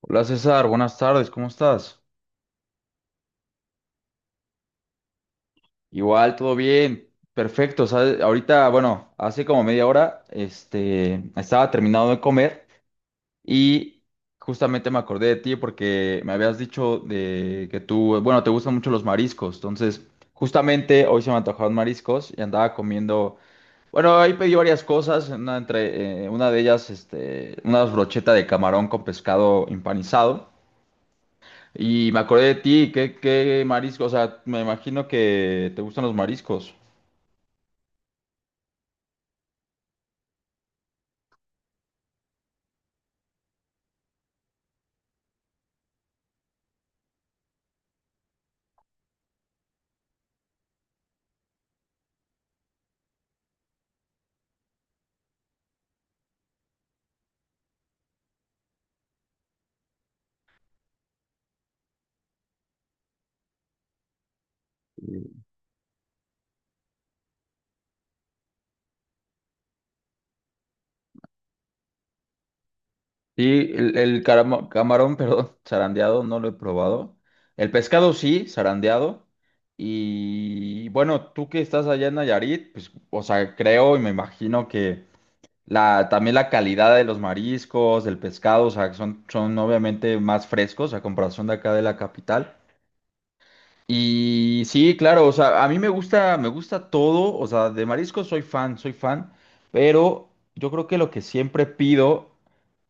Hola César, buenas tardes, ¿cómo estás? Igual, todo bien, perfecto. ¿Sabes? Ahorita, bueno, hace como media hora, estaba terminado de comer y justamente me acordé de ti porque me habías dicho de que tú, bueno, te gustan mucho los mariscos. Entonces, justamente hoy se me antojaron mariscos y andaba comiendo. Bueno, ahí pedí varias cosas, una de ellas, una brocheta de camarón con pescado empanizado. Y me acordé de ti, ¿qué marisco? O sea, me imagino que te gustan los mariscos. Sí, el camarón, perdón, zarandeado, no lo he probado. El pescado sí, zarandeado. Y bueno, tú que estás allá en Nayarit, pues, o sea, creo y me imagino que también la calidad de los mariscos, del pescado, o sea, que son obviamente más frescos a comparación de acá de la capital. Y sí, claro, o sea, a mí me gusta todo, o sea, de mariscos soy fan, pero yo creo que lo que siempre pido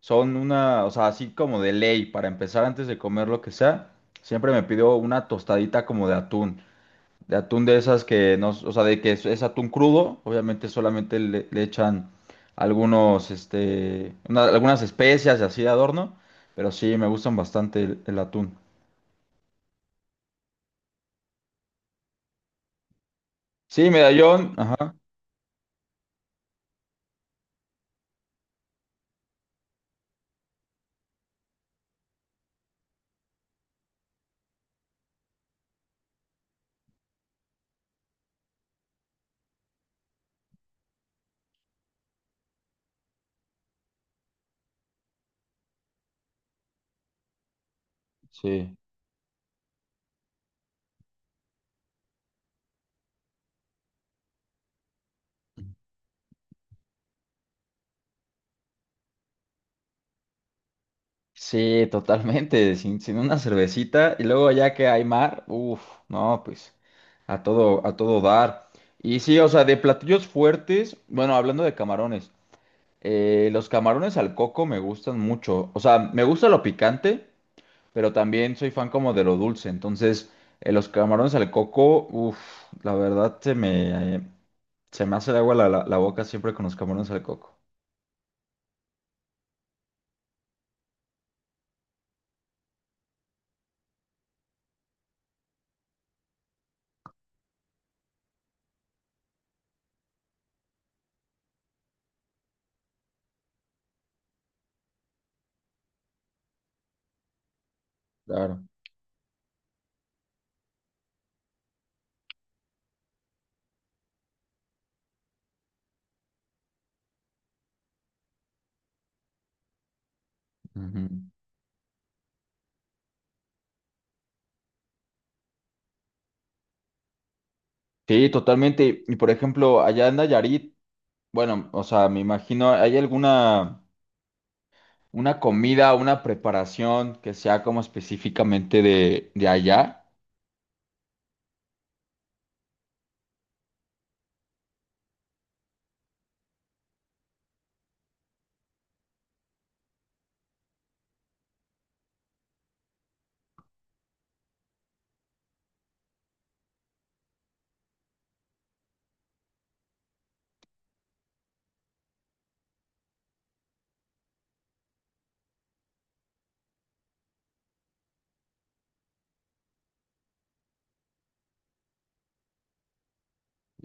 son o sea, así como de ley, para empezar antes de comer lo que sea, siempre me pido una tostadita como de atún de esas que no, o sea, de que es atún crudo, obviamente solamente le echan algunos, algunas especias y así de adorno, pero sí, me gustan bastante el atún. Sí, medallón, ajá, sí. Sí, totalmente, sin una cervecita y luego ya que hay mar, uff, no, pues a todo dar. Y sí, o sea, de platillos fuertes, bueno, hablando de camarones, los camarones al coco me gustan mucho, o sea, me gusta lo picante, pero también soy fan como de lo dulce, entonces los camarones al coco, uff, la verdad se me hace de agua la boca siempre con los camarones al coco. Claro. Ujú. Sí, totalmente. Y por ejemplo, allá en Nayarit, bueno, o sea, me imagino, ¿hay alguna una comida, una preparación que sea como específicamente de allá?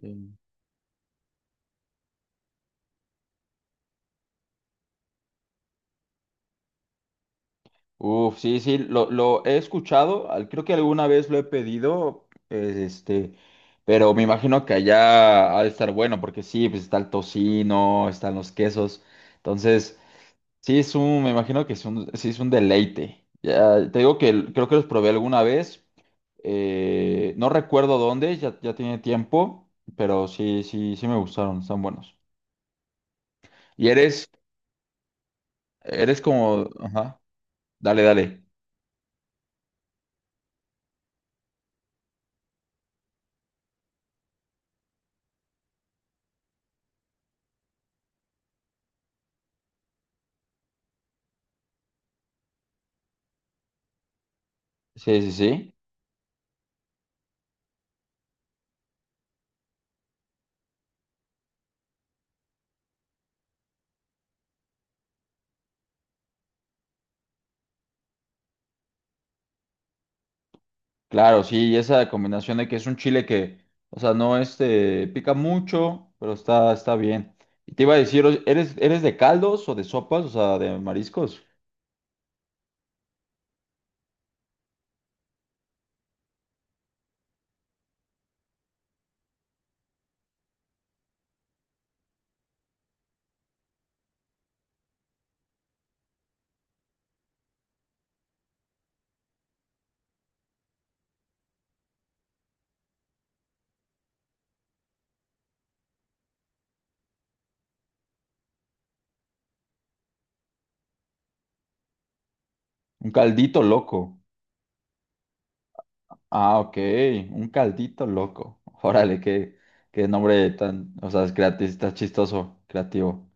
Em, Uf, sí, sí, lo he escuchado, al- creo que alguna vez lo he pedido, pero me imagino que allá ha de estar bueno, porque sí, pues está el tocino, están los quesos, entonces sí, me imagino que es un, sí, es un deleite. Ya, te digo que el- creo que los probé alguna vez. No recuerdo dónde, ya, ya tiene tiempo, pero sí, sí, sí me gustaron, están buenos. Y eres como, ajá, dale, dale. Sí, sí, sí. Claro, sí, y esa combinación de que es un chile que, o sea, no pica mucho, pero está bien. Y te iba a decir, ¿eres de caldos o de sopas? O sea, de mariscos. Un caldito loco. Ah, ok, un caldito loco. Órale, qué, qué nombre tan, o sea, es creati- está chistoso, creativo.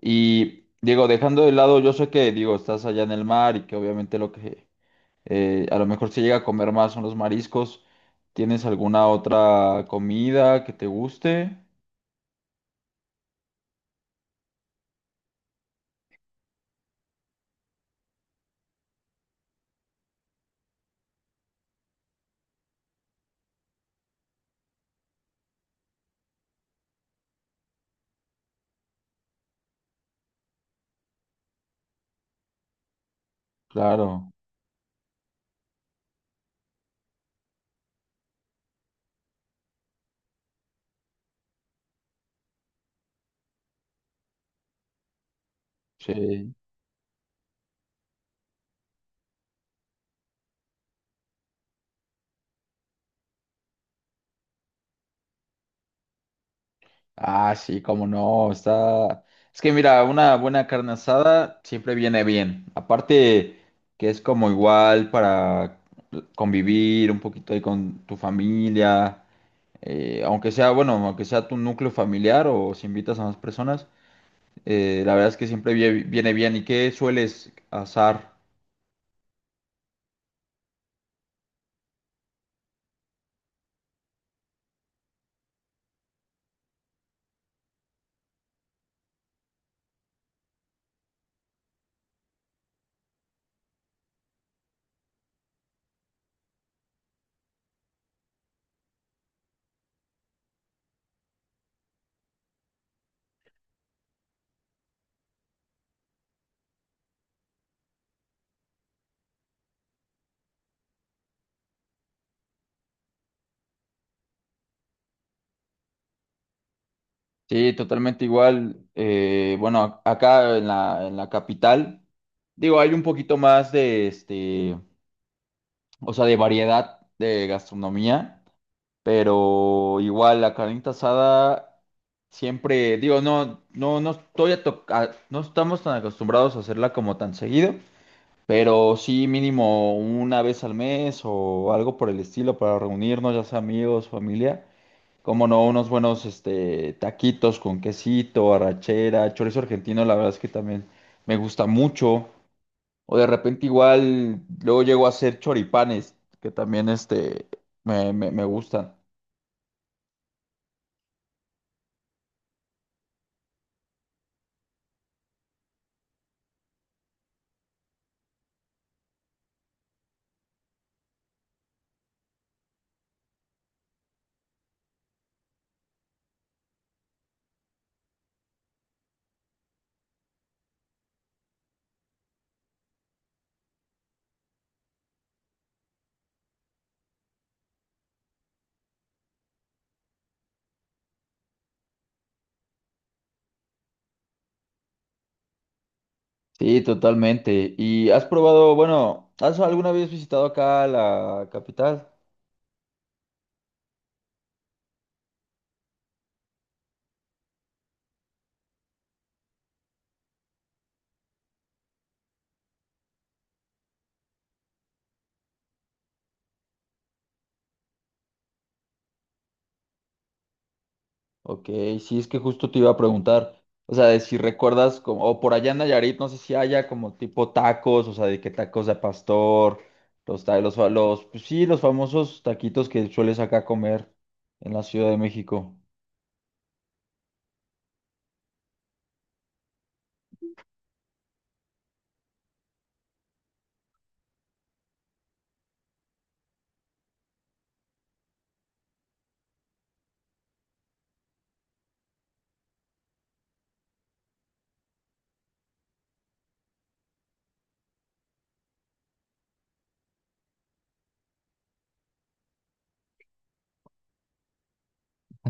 Y digo, dejando de lado, yo sé que, digo, estás allá en el mar y que obviamente lo que a lo mejor se llega a comer más son los mariscos. ¿Tienes alguna otra comida que te guste? Claro, sí. Ah, sí, cómo no, está... Es que mira, una buena carne asada siempre viene bien. Aparte que es como igual para convivir un poquito ahí con tu familia, aunque sea, bueno, aunque sea tu núcleo familiar o si invitas a más personas, la verdad es que siempre vie- viene bien. ¿Y qué sueles asar? Sí, totalmente igual. Bueno, acá en la capital, digo, hay un poquito más de o sea, de variedad de gastronomía, pero igual la carnita asada siempre, digo, no, no, no estoy a to- a- no estamos tan acostumbrados a hacerla como tan seguido, pero sí mínimo una vez al mes o algo por el estilo para reunirnos, ya sea amigos, familia. Como no, unos buenos taquitos con quesito, arrachera, chorizo argentino, la verdad es que también me gusta mucho. O de repente igual luego llego a hacer choripanes, que también me gustan. Sí, totalmente. ¿Y has probado, bueno, has alguna vez visitado acá la capital? Ok, sí, es que justo te iba a preguntar, o sea, de si recuerdas como, o por allá en Nayarit, no sé si haya como tipo tacos, o sea, de que tacos de pastor, los, ta- los, fa- los, pues sí, los famosos taquitos que sueles acá comer en la Ciudad de México.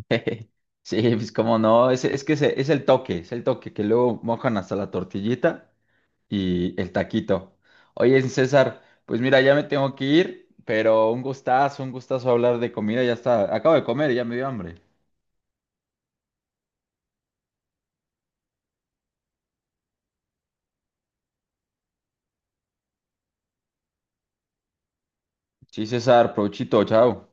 Sí, pues como no, es el toque, que luego mojan hasta la tortillita y el taquito. Oye, César, pues mira, ya me tengo que ir, pero un gustazo hablar de comida, ya está, acabo de comer, y ya me dio hambre. Sí, César, provechito, chao.